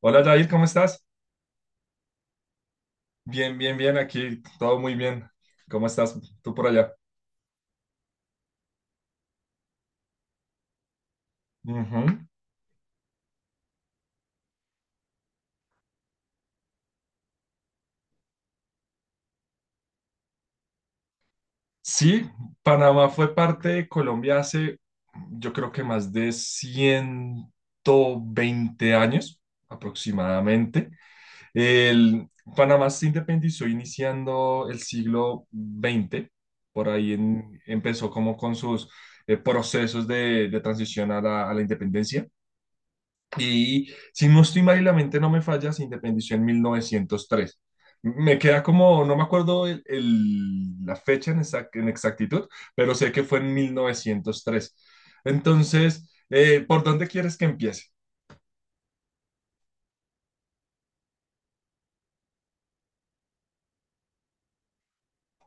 Hola Jair, ¿cómo estás? Bien, bien, bien, aquí todo muy bien. ¿Cómo estás tú por allá? Ujú. Sí, Panamá fue parte de Colombia hace yo creo que más de 120 años aproximadamente. El, Panamá se independizó iniciando el siglo XX. Por ahí empezó como con sus procesos de transición a la independencia. Y si no estoy mal y la mente no me falla, se independizó en 1903. Me queda como, no me acuerdo la fecha en exactitud, pero sé que fue en 1903. Entonces, ¿por dónde quieres que empiece?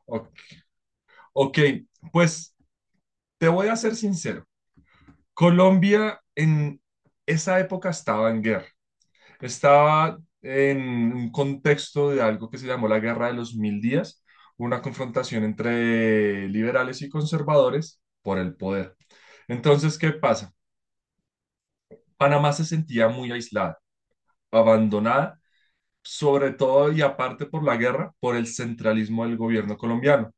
O- ok, pues te voy a ser sincero. Colombia en esa época estaba en guerra. Estaba en un contexto de algo que se llamó la Guerra de los Mil Días, una confrontación entre liberales y conservadores por el poder. Entonces, ¿qué pasa? Panamá se sentía muy aislada, abandonada, sobre todo y aparte por la guerra, por el centralismo del gobierno colombiano.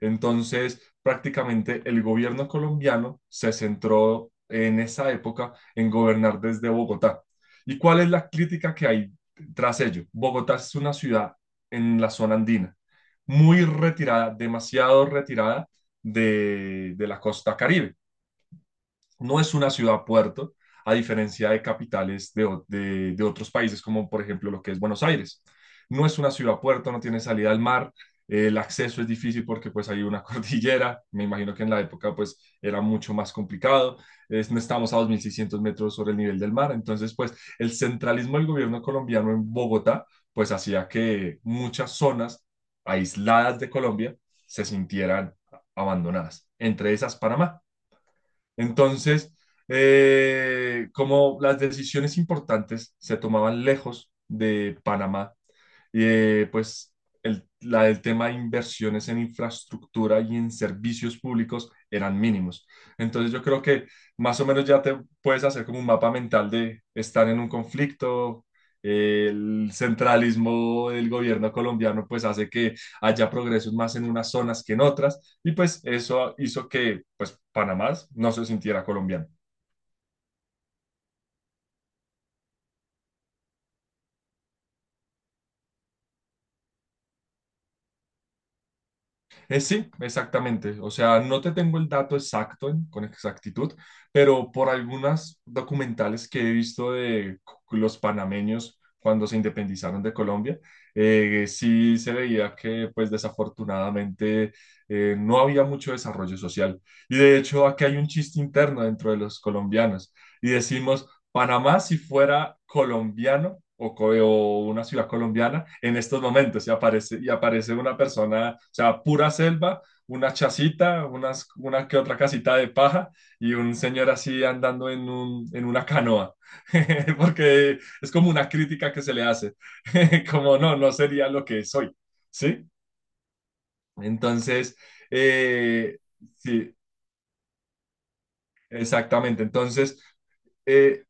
Entonces, prácticamente el gobierno colombiano se centró en esa época en gobernar desde Bogotá. ¿Y cuál es la crítica que hay tras ello? Bogotá es una ciudad en la zona andina, muy retirada, demasiado retirada de la costa Caribe. No es una ciudad-puerto, a diferencia de capitales de otros países, como por ejemplo lo que es Buenos Aires. No es una ciudad-puerto, no tiene salida al mar, el acceso es difícil porque pues hay una cordillera, me imagino que en la época pues era mucho más complicado, no estamos a 2.600 metros sobre el nivel del mar, entonces pues el centralismo del gobierno colombiano en Bogotá pues hacía que muchas zonas aisladas de Colombia se sintieran abandonadas, entre esas Panamá. Entonces, como las decisiones importantes se tomaban lejos de Panamá, y pues la del tema de inversiones en infraestructura y en servicios públicos eran mínimos. Entonces yo creo que más o menos ya te puedes hacer como un mapa mental de estar en un conflicto. El centralismo del gobierno colombiano pues hace que haya progresos más en unas zonas que en otras y pues eso hizo que pues Panamá no se sintiera colombiano. Sí, exactamente. O sea, no te tengo el dato exacto con exactitud, pero por algunas documentales que he visto los panameños cuando se independizaron de Colombia, sí se veía que, pues desafortunadamente, no había mucho desarrollo social. Y de hecho, aquí hay un chiste interno dentro de los colombianos y decimos, Panamá si fuera colombiano o una ciudad colombiana en estos momentos y aparece una persona, o sea, pura selva, una chacita, una que otra casita de paja y un señor así andando en una canoa, porque es como una crítica que se le hace, como no, no sería lo que soy, ¿sí? Entonces, eh, sí, exactamente, entonces eh,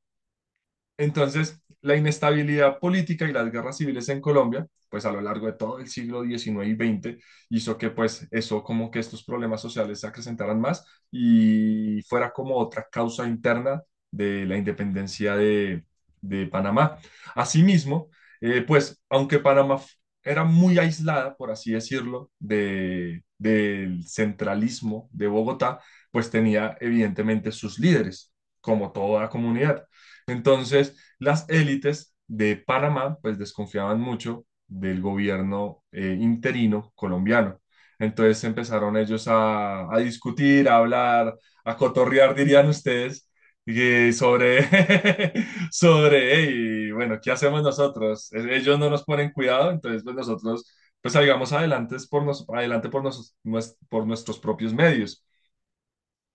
Entonces, la inestabilidad política y las guerras civiles en Colombia, pues a lo largo de todo el siglo XIX y XX hizo que pues eso, como que estos problemas sociales se acrecentaran más y fuera como otra causa interna de la independencia de Panamá. Asimismo, pues aunque era muy aislada, por así decirlo, del centralismo de Bogotá, pues tenía evidentemente sus líderes, como toda comunidad. Entonces, las élites de Panamá, pues desconfiaban mucho del gobierno interino colombiano. Entonces empezaron ellos a discutir, a hablar, a cotorrear, dirían ustedes, y sobre, sobre, "Hey, bueno, ¿qué hacemos nosotros? Ellos no nos ponen cuidado, entonces pues nosotros salgamos adelante por nuestros propios medios.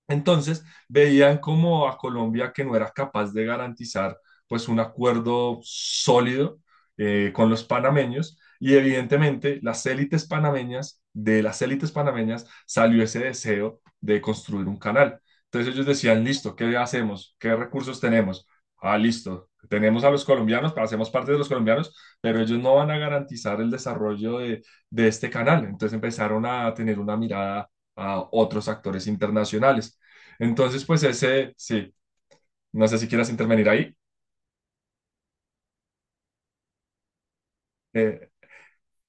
Entonces, veían como a Colombia que no era capaz de garantizar pues un acuerdo sólido con los panameños y evidentemente de las élites panameñas salió ese deseo de construir un canal. Entonces ellos decían, listo, ¿qué hacemos? ¿Qué recursos tenemos? Ah, listo, tenemos a los colombianos, hacemos parte de los colombianos, pero ellos no van a garantizar el desarrollo de este canal. Entonces empezaron a tener una mirada a otros actores internacionales. Entonces, pues ese, sí, no sé si quieras intervenir ahí. Eh,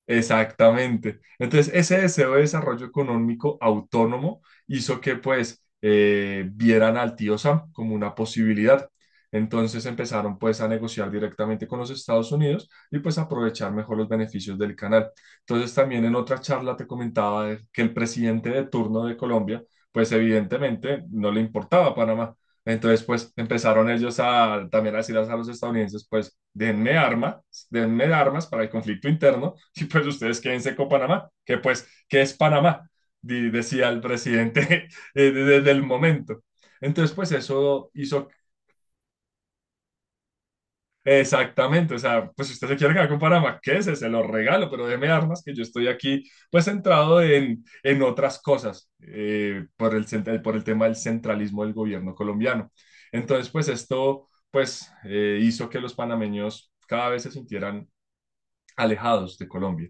Exactamente. Entonces, ese deseo de desarrollo económico autónomo hizo que pues vieran al tío Sam como una posibilidad. Entonces empezaron pues a negociar directamente con los Estados Unidos y pues aprovechar mejor los beneficios del canal. Entonces también en otra charla te comentaba que el presidente de turno de Colombia pues evidentemente no le importaba Panamá. Entonces pues empezaron ellos a también a decir a los estadounidenses pues denme armas para el conflicto interno y pues ustedes quédense con Panamá, que pues, ¿qué es Panamá? Decía el presidente desde el momento. Entonces, pues eso hizo exactamente, o sea, pues si usted se quiere quedar con Panamá, ¿qué se lo regalo, pero déme armas, que yo estoy aquí pues centrado en otras cosas, por por el tema del centralismo del gobierno colombiano. Entonces, pues esto pues hizo que los panameños cada vez se sintieran alejados de Colombia.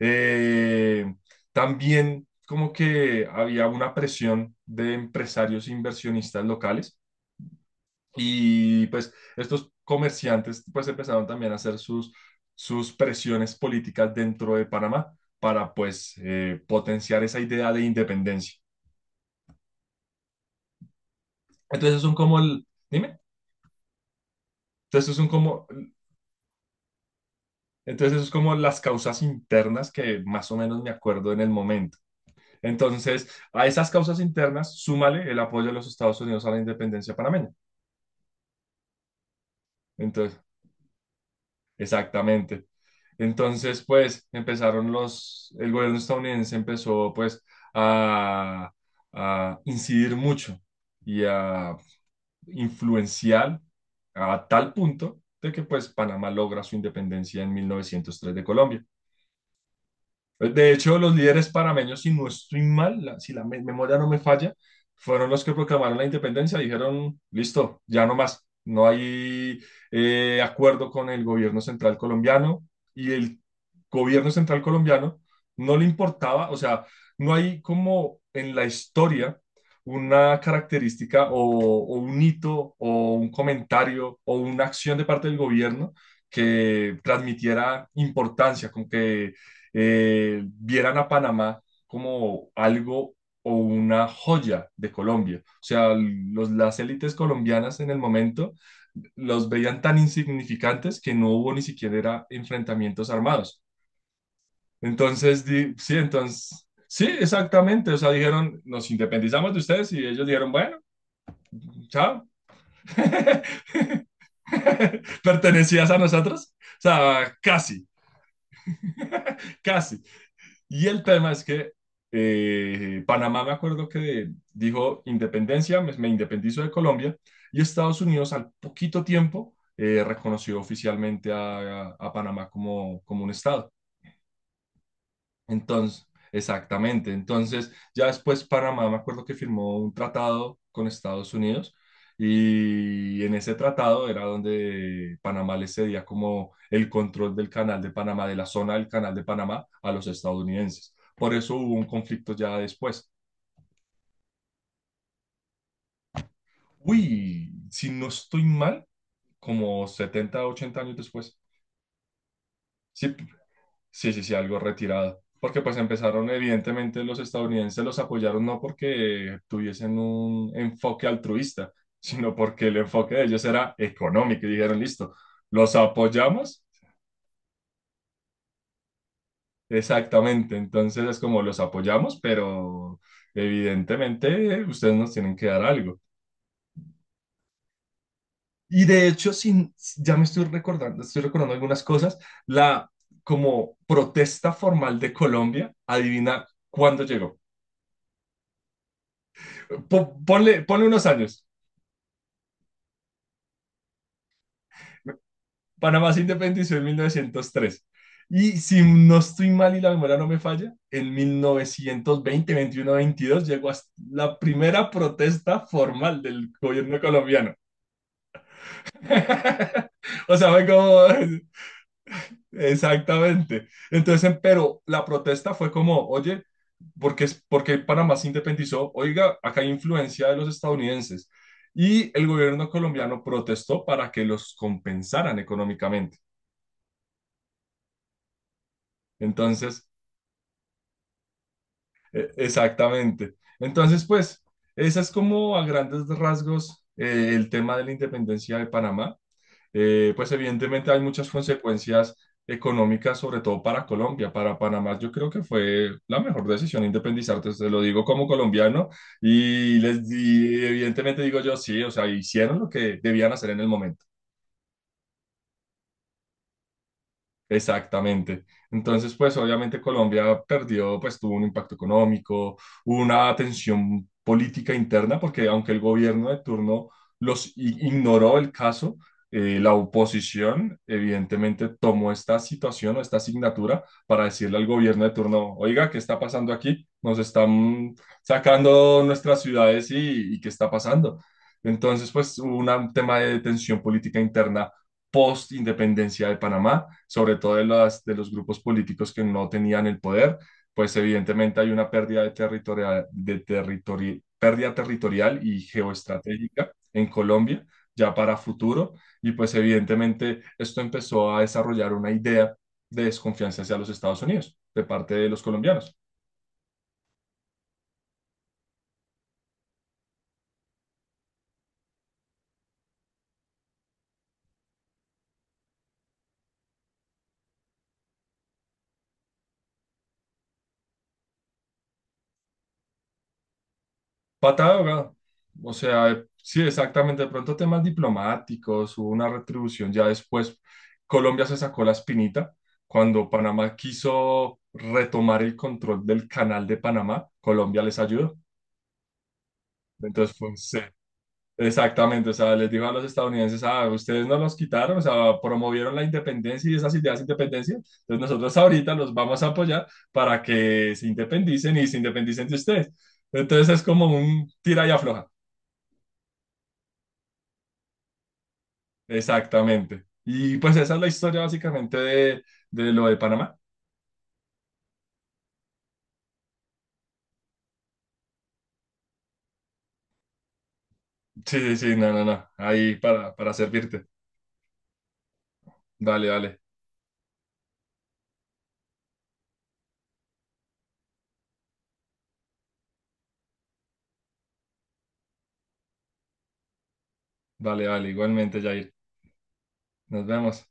Eh, También como que había una presión de empresarios inversionistas locales y pues estos comerciantes pues empezaron también a hacer sus, sus presiones políticas dentro de Panamá para pues potenciar esa idea de independencia. Entonces son como el, dime, entonces son como, Entonces eso es como las causas internas que más o menos me acuerdo en el momento. Entonces, a esas causas internas, súmale el apoyo de los Estados Unidos a la independencia panameña. Entonces, exactamente. Entonces, pues, empezaron los, el gobierno estadounidense empezó, pues, a, a incidir mucho y a influenciar a tal punto de que, pues, Panamá logra su independencia en 1903 de Colombia. De hecho, los líderes parameños, si no estoy mal, memoria no me falla, fueron los que proclamaron la independencia. Dijeron, listo, ya no más. No hay acuerdo con el gobierno central colombiano y el gobierno central colombiano no le importaba, o sea, no hay como en la historia una característica o un hito o un comentario o una acción de parte del gobierno que transmitiera importancia, como que vieran a Panamá como algo o una joya de Colombia. O sea, las élites colombianas en el momento los veían tan insignificantes que no hubo ni siquiera enfrentamientos armados. Entonces, sí, exactamente. O sea, dijeron, nos independizamos de ustedes y ellos dijeron, bueno, chao. Pertenecías a nosotros. O sea, casi, casi. Y el tema es que Panamá, me acuerdo que dijo independencia, me independizo de Colombia, y Estados Unidos al poquito tiempo reconoció oficialmente a Panamá como, como un estado. Entonces, exactamente. Entonces, ya después Panamá, me acuerdo que firmó un tratado con Estados Unidos y en ese tratado era donde Panamá le cedía como el control del canal de Panamá, de la zona del canal de Panamá a los estadounidenses. Por eso hubo un conflicto ya después. Uy, si no estoy mal, como 70, 80 años después. Sí, sí, sí, sí, algo retirado. Porque pues empezaron, evidentemente los estadounidenses los apoyaron no porque tuviesen un enfoque altruista, sino porque el enfoque de ellos era económico y dijeron, listo, los apoyamos. Exactamente, entonces es como los apoyamos, pero evidentemente ustedes nos tienen que dar algo. Y de hecho, sin, ya me estoy recordando algunas cosas, la como protesta formal de Colombia, adivina cuándo llegó. Ponle, ponle unos años. Panamá se independizó en 1903. Y si no estoy mal y la memoria no me falla, en 1920, 21, 22 llegó hasta la primera protesta formal del gobierno colombiano. O sea, fue como exactamente. Entonces, pero la protesta fue como, oye, ¿por qué Panamá se independizó? Oiga, acá hay influencia de los estadounidenses. Y el gobierno colombiano protestó para que los compensaran económicamente. Entonces, exactamente. Entonces, pues, esa es como a grandes rasgos el tema de la independencia de Panamá. Pues evidentemente hay muchas consecuencias económicas, sobre todo para Colombia. Para Panamá yo creo que fue la mejor decisión independizarte, te lo digo como colombiano y, les, di evidentemente digo yo sí, o sea, hicieron lo que debían hacer en el momento. Exactamente. Entonces, pues obviamente Colombia perdió, pues tuvo un impacto económico, hubo una tensión política interna, porque aunque el gobierno de turno ignoró el caso, la oposición evidentemente tomó esta situación o esta asignatura para decirle al gobierno de turno, oiga, ¿qué está pasando aquí? Nos están sacando nuestras ciudades y ¿qué está pasando? Entonces, pues un tema de tensión política interna post-independencia de Panamá, sobre todo de los grupos políticos que no tenían el poder, pues evidentemente hay una pérdida, de territorial, de territori pérdida territorial y geoestratégica en Colombia ya para futuro y pues evidentemente esto empezó a desarrollar una idea de desconfianza hacia los Estados Unidos de parte de los colombianos. Patada de ahogado. O sea, sí, exactamente. De pronto temas diplomáticos, hubo una retribución ya después. Colombia se sacó la espinita cuando Panamá quiso retomar el control del canal de Panamá. Colombia les ayudó. Entonces fue un se- Exactamente, o sea, les dijo a los estadounidenses, ah, ustedes no los quitaron, o sea, promovieron la independencia y esas ideas de independencia, entonces nosotros ahorita los vamos a apoyar para que se independicen y se independicen de ustedes. Entonces es como un tira y afloja. Exactamente. Y pues esa es la historia básicamente de lo de Panamá. Sí, sí, sí, no, no, no. Ahí para servirte. Vale, vale, vale. Igualmente, Jair. Nos vemos.